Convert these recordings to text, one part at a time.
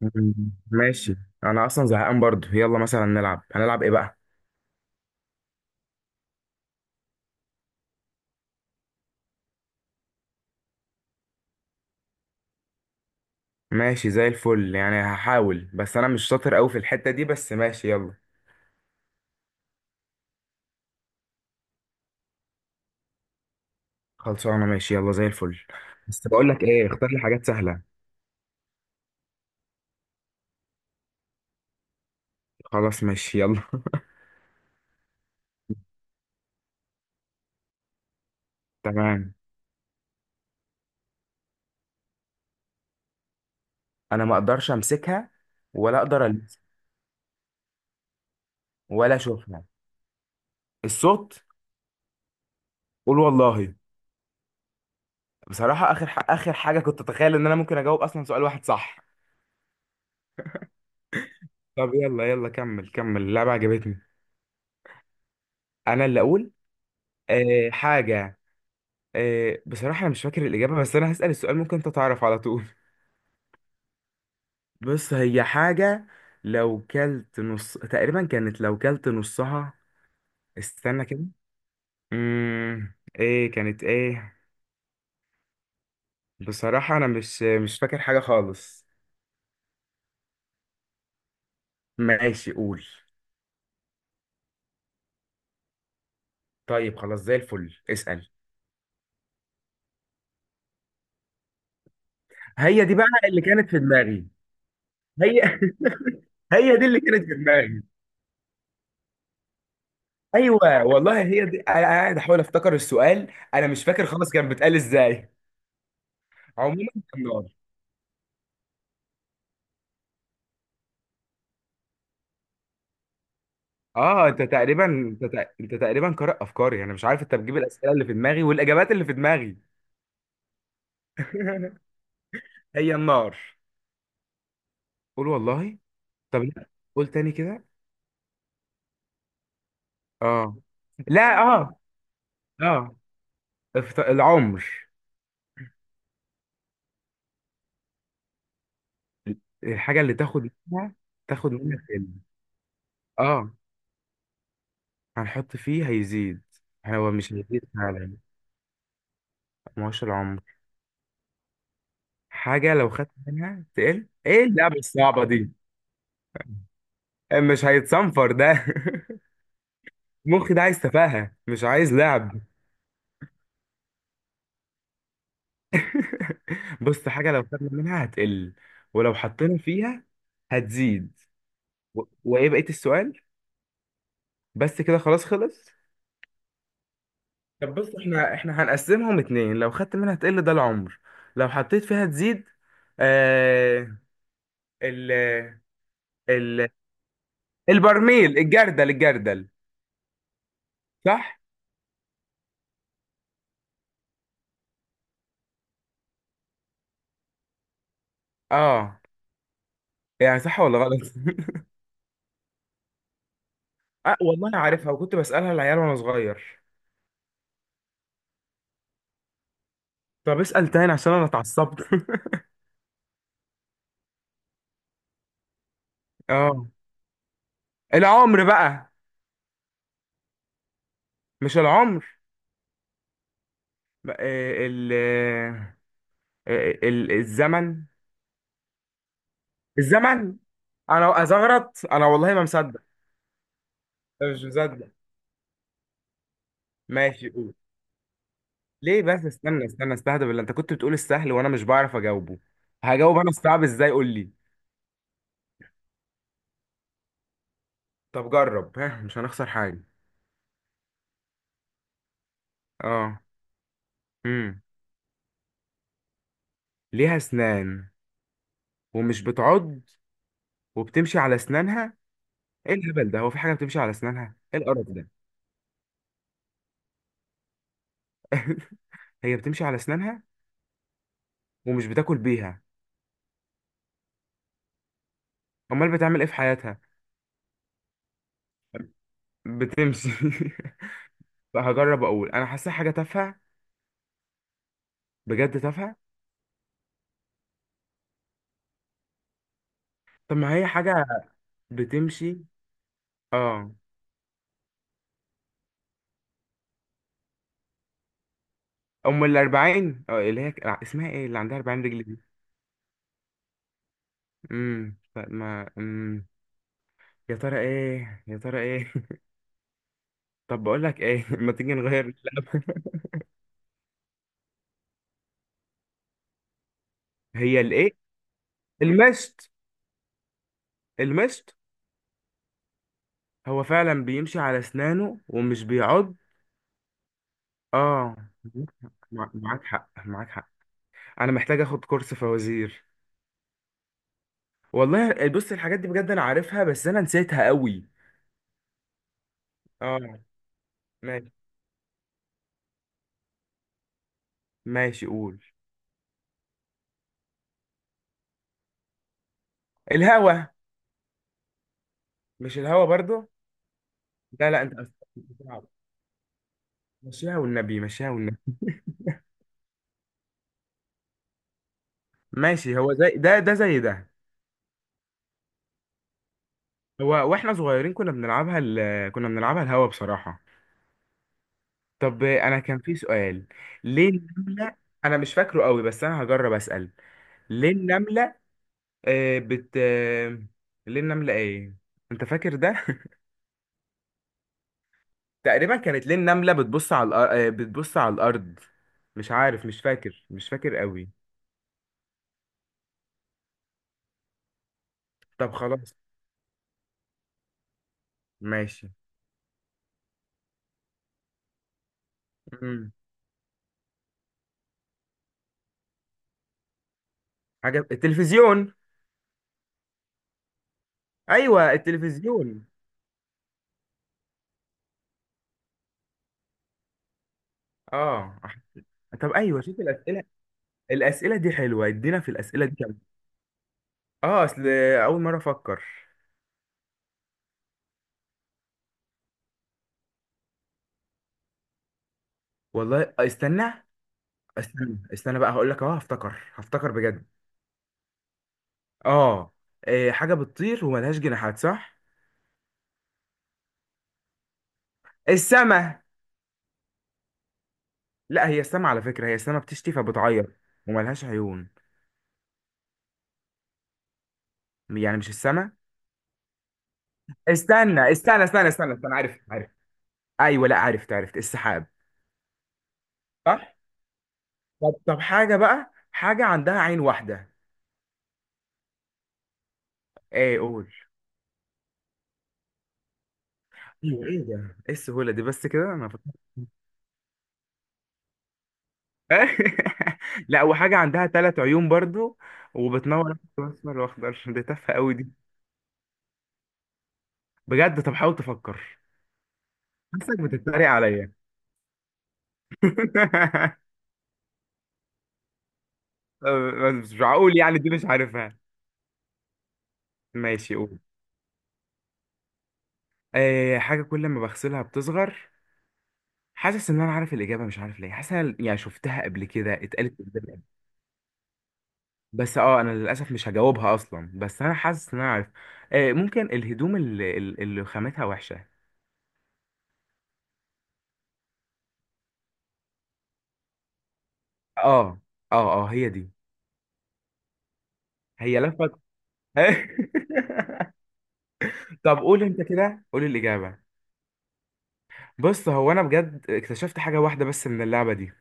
مم. ماشي. انا اصلا زهقان برضو، يلا مثلا نلعب. هنلعب ايه بقى؟ ماشي زي الفل. يعني هحاول بس انا مش شاطر قوي في الحتة دي، بس ماشي يلا. خلصانه، ماشي يلا زي الفل. بس بقول لك ايه، اختار لي حاجات سهلة. خلاص ماشي يلا. تمام. انا ما اقدرش امسكها، ولا اقدر ألمسها، ولا اشوفها. الصوت. قول والله. بصراحة اخر اخر حاجة كنت اتخيل ان انا ممكن اجاوب اصلا سؤال واحد. صح؟ طب يلا يلا، كمل اللعبة عجبتني. انا اللي اقول. حاجة. بصراحة أنا مش فاكر الإجابة، بس أنا هسأل السؤال ممكن أنت تعرف على طول. بص، هي حاجة لو كلت نص تقريبا كانت، لو كلت نصها. استنى كده. إيه كانت، إيه؟ بصراحة أنا مش فاكر حاجة خالص. ماشي قول. طيب خلاص، زي الفل اسأل. هي دي بقى اللي كانت في دماغي. هي. هي دي اللي كانت في دماغي. ايوه والله هي دي. أنا قاعد احاول افتكر السؤال، انا مش فاكر خالص كان بيتقال ازاي. عموما كان نار. اه، انت تقريبا قارئ افكاري. انا مش عارف انت بتجيب الاسئله اللي في دماغي والاجابات اللي في دماغي. هي النار. قول والله. طب لا، قول تاني كده. اه، لا، اه، اه، العمر. الحاجه اللي تاخد منها، تاخد منها سن. اه، هنحط فيه هيزيد. يعني هو مش هيزيد فعلا. ما هوش العمر. حاجه لو خدت منها تقل. ايه اللعبه الصعبه دي؟ مش هيتصنفر ده. المخ ده عايز تفاهه، مش عايز لعب. بص حاجة لو خدنا منها هتقل، ولو حطينا فيها هتزيد. وايه بقية السؤال؟ بس كده خلاص، خلص. طب بص، احنا هنقسمهم اتنين. لو خدت منها هتقل، ده العمر. لو حطيت فيها تزيد. آه... ال... ال... البرميل، الجردل، الجردل. صح. اه، يعني صح ولا غلط؟ اه والله انا عارفها، وكنت بسألها العيال وانا صغير. طب اسأل تاني عشان انا اتعصبت. اه، العمر بقى. مش العمر. ما- آه، ال آه، الزمن. الزمن. انا ازغرط، انا والله ما مصدق. أنا مش مصدق. ماشي قول. ليه بس؟ استنى استهدى بالله. انت كنت بتقول السهل وانا مش بعرف اجاوبه، هجاوب انا الصعب ازاي؟ قول لي. طب جرب، ها، مش هنخسر حاجه. اه، امم ليها اسنان ومش بتعض وبتمشي على اسنانها. ايه الهبل ده؟ هو في حاجه بتمشي على اسنانها؟ ايه القرف ده؟ هي بتمشي على اسنانها ومش بتاكل بيها. امال بتعمل ايه في حياتها؟ بتمشي. بقى هجرب اقول، انا حاسسها حاجه تافهه، بجد تافهه. طب ما هي حاجه بتمشي، اه. ام الاربعين. اه، اللي هي اسمها ايه اللي عندها 40 رجل دي؟ طب ما، يا ترى ايه، يا ترى ايه؟ طب بقول لك ايه ما تيجي نغير. هي الايه؟ المشط. المشط. هو فعلا بيمشي على اسنانه ومش بيعض. اه. معاك حق، معاك حق. انا محتاج اخد كورس فوازير. والله بص، الحاجات دي بجد انا عارفها بس انا نسيتها قوي. اه. ماشي. ماشي قول. الهوا. مش الهوا برضو؟ لا لا، انت بتصعب. مشيها والنبي، مشيها والنبي. ماشي. هو زي ده، ده زي ده. هو واحنا صغيرين كنا بنلعبها، كنا بنلعبها الهوا بصراحة. طب انا كان في سؤال. ليه النملة؟ انا مش فاكره قوي بس انا هجرب اسأل. ليه النملة آه بت آه، ليه النملة ايه؟ انت فاكر ده؟ تقريبا كانت، ليه النملة بتبص على الأر... آه، بتبص على الارض. مش عارف، مش فاكر، مش فاكر قوي. طب خلاص، ماشي. مم. حاجة، التلفزيون. أيوه التلفزيون. أه. طب أيوه، شوف الأسئلة. الأسئلة دي حلوة، ادينا في الأسئلة دي كمان. أه، أصل أول مرة أفكر. والله استنى بقى هقول لك أهو. هفتكر بجد. أه. إيه، حاجة بتطير وملهاش جناحات، صح؟ السما. لا هي السما على فكرة، هي السما بتشتي فبتعيط وملهاش عيون. يعني مش السما؟ استنى عارف عارف. أيوه، لا عرفت عرفت. السحاب. طب طب حاجة بقى، حاجة عندها عين واحدة. ايه قول. ايوه ايه ده، ايه السهولة دي؟ بس كده انا فكرت. لا، وحاجة عندها ثلاث عيون برضو وبتنور احمر واخضر. دي تافهة قوي دي. بجد طب حاول تفكر. حاسسك بتتريق عليا. أه، بس مش معقول يعني، دي مش عارفها. ماشي قول. أه، حاجة كل ما بغسلها بتصغر. حاسس ان انا عارف الاجابة، مش عارف ليه حاسس إن أنا يعني شفتها قبل كده، اتقالت قدامي. بس اه، انا للاسف مش هجاوبها اصلا، بس انا حاسس ان انا عارف. آه ممكن الهدوم اللي خامتها وحشه. اه اه اه هي دي. هي لفت. طب قول انت كده، قول الاجابه. بص هو، انا بجد اكتشفت حاجه واحده بس من اللعبه دي،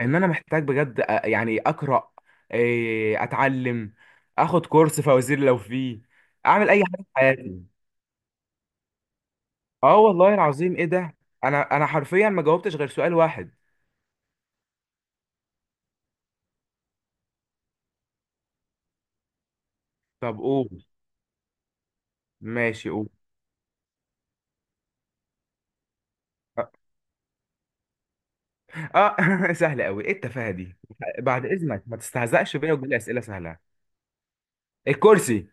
ان انا محتاج بجد يعني اقرا، اتعلم، اخد كورس فوازير لو فيه، اعمل اي حاجه في حياتي. اه والله العظيم، ايه ده؟ انا حرفيا ما جاوبتش غير سؤال واحد. طب قول. ماشي قول. اه، سهلة قوي، ايه التفاهة دي؟ بعد اذنك، ما تستهزأش بيا وتجيب لي اسئلة سهلة. الكرسي.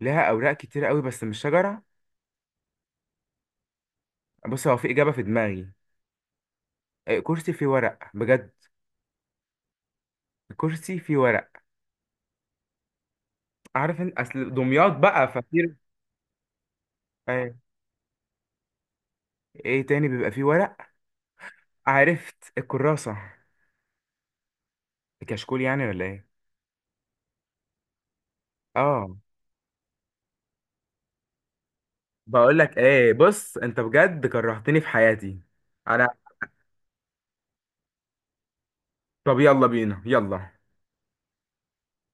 لها اوراق كتير قوي بس مش شجرة. بص هو في اجابة في دماغي. الكرسي فيه ورق بجد. الكرسي فيه ورق. عارف انت اصل دمياط بقى فكتير. ايه؟ إيه تاني بيبقى فيه ورق؟ عرفت الكراسة، الكشكول يعني، ولا ايه؟ اه، بقول لك ايه، بص انت بجد كرهتني في حياتي. انا، طب يلا بينا، يلا.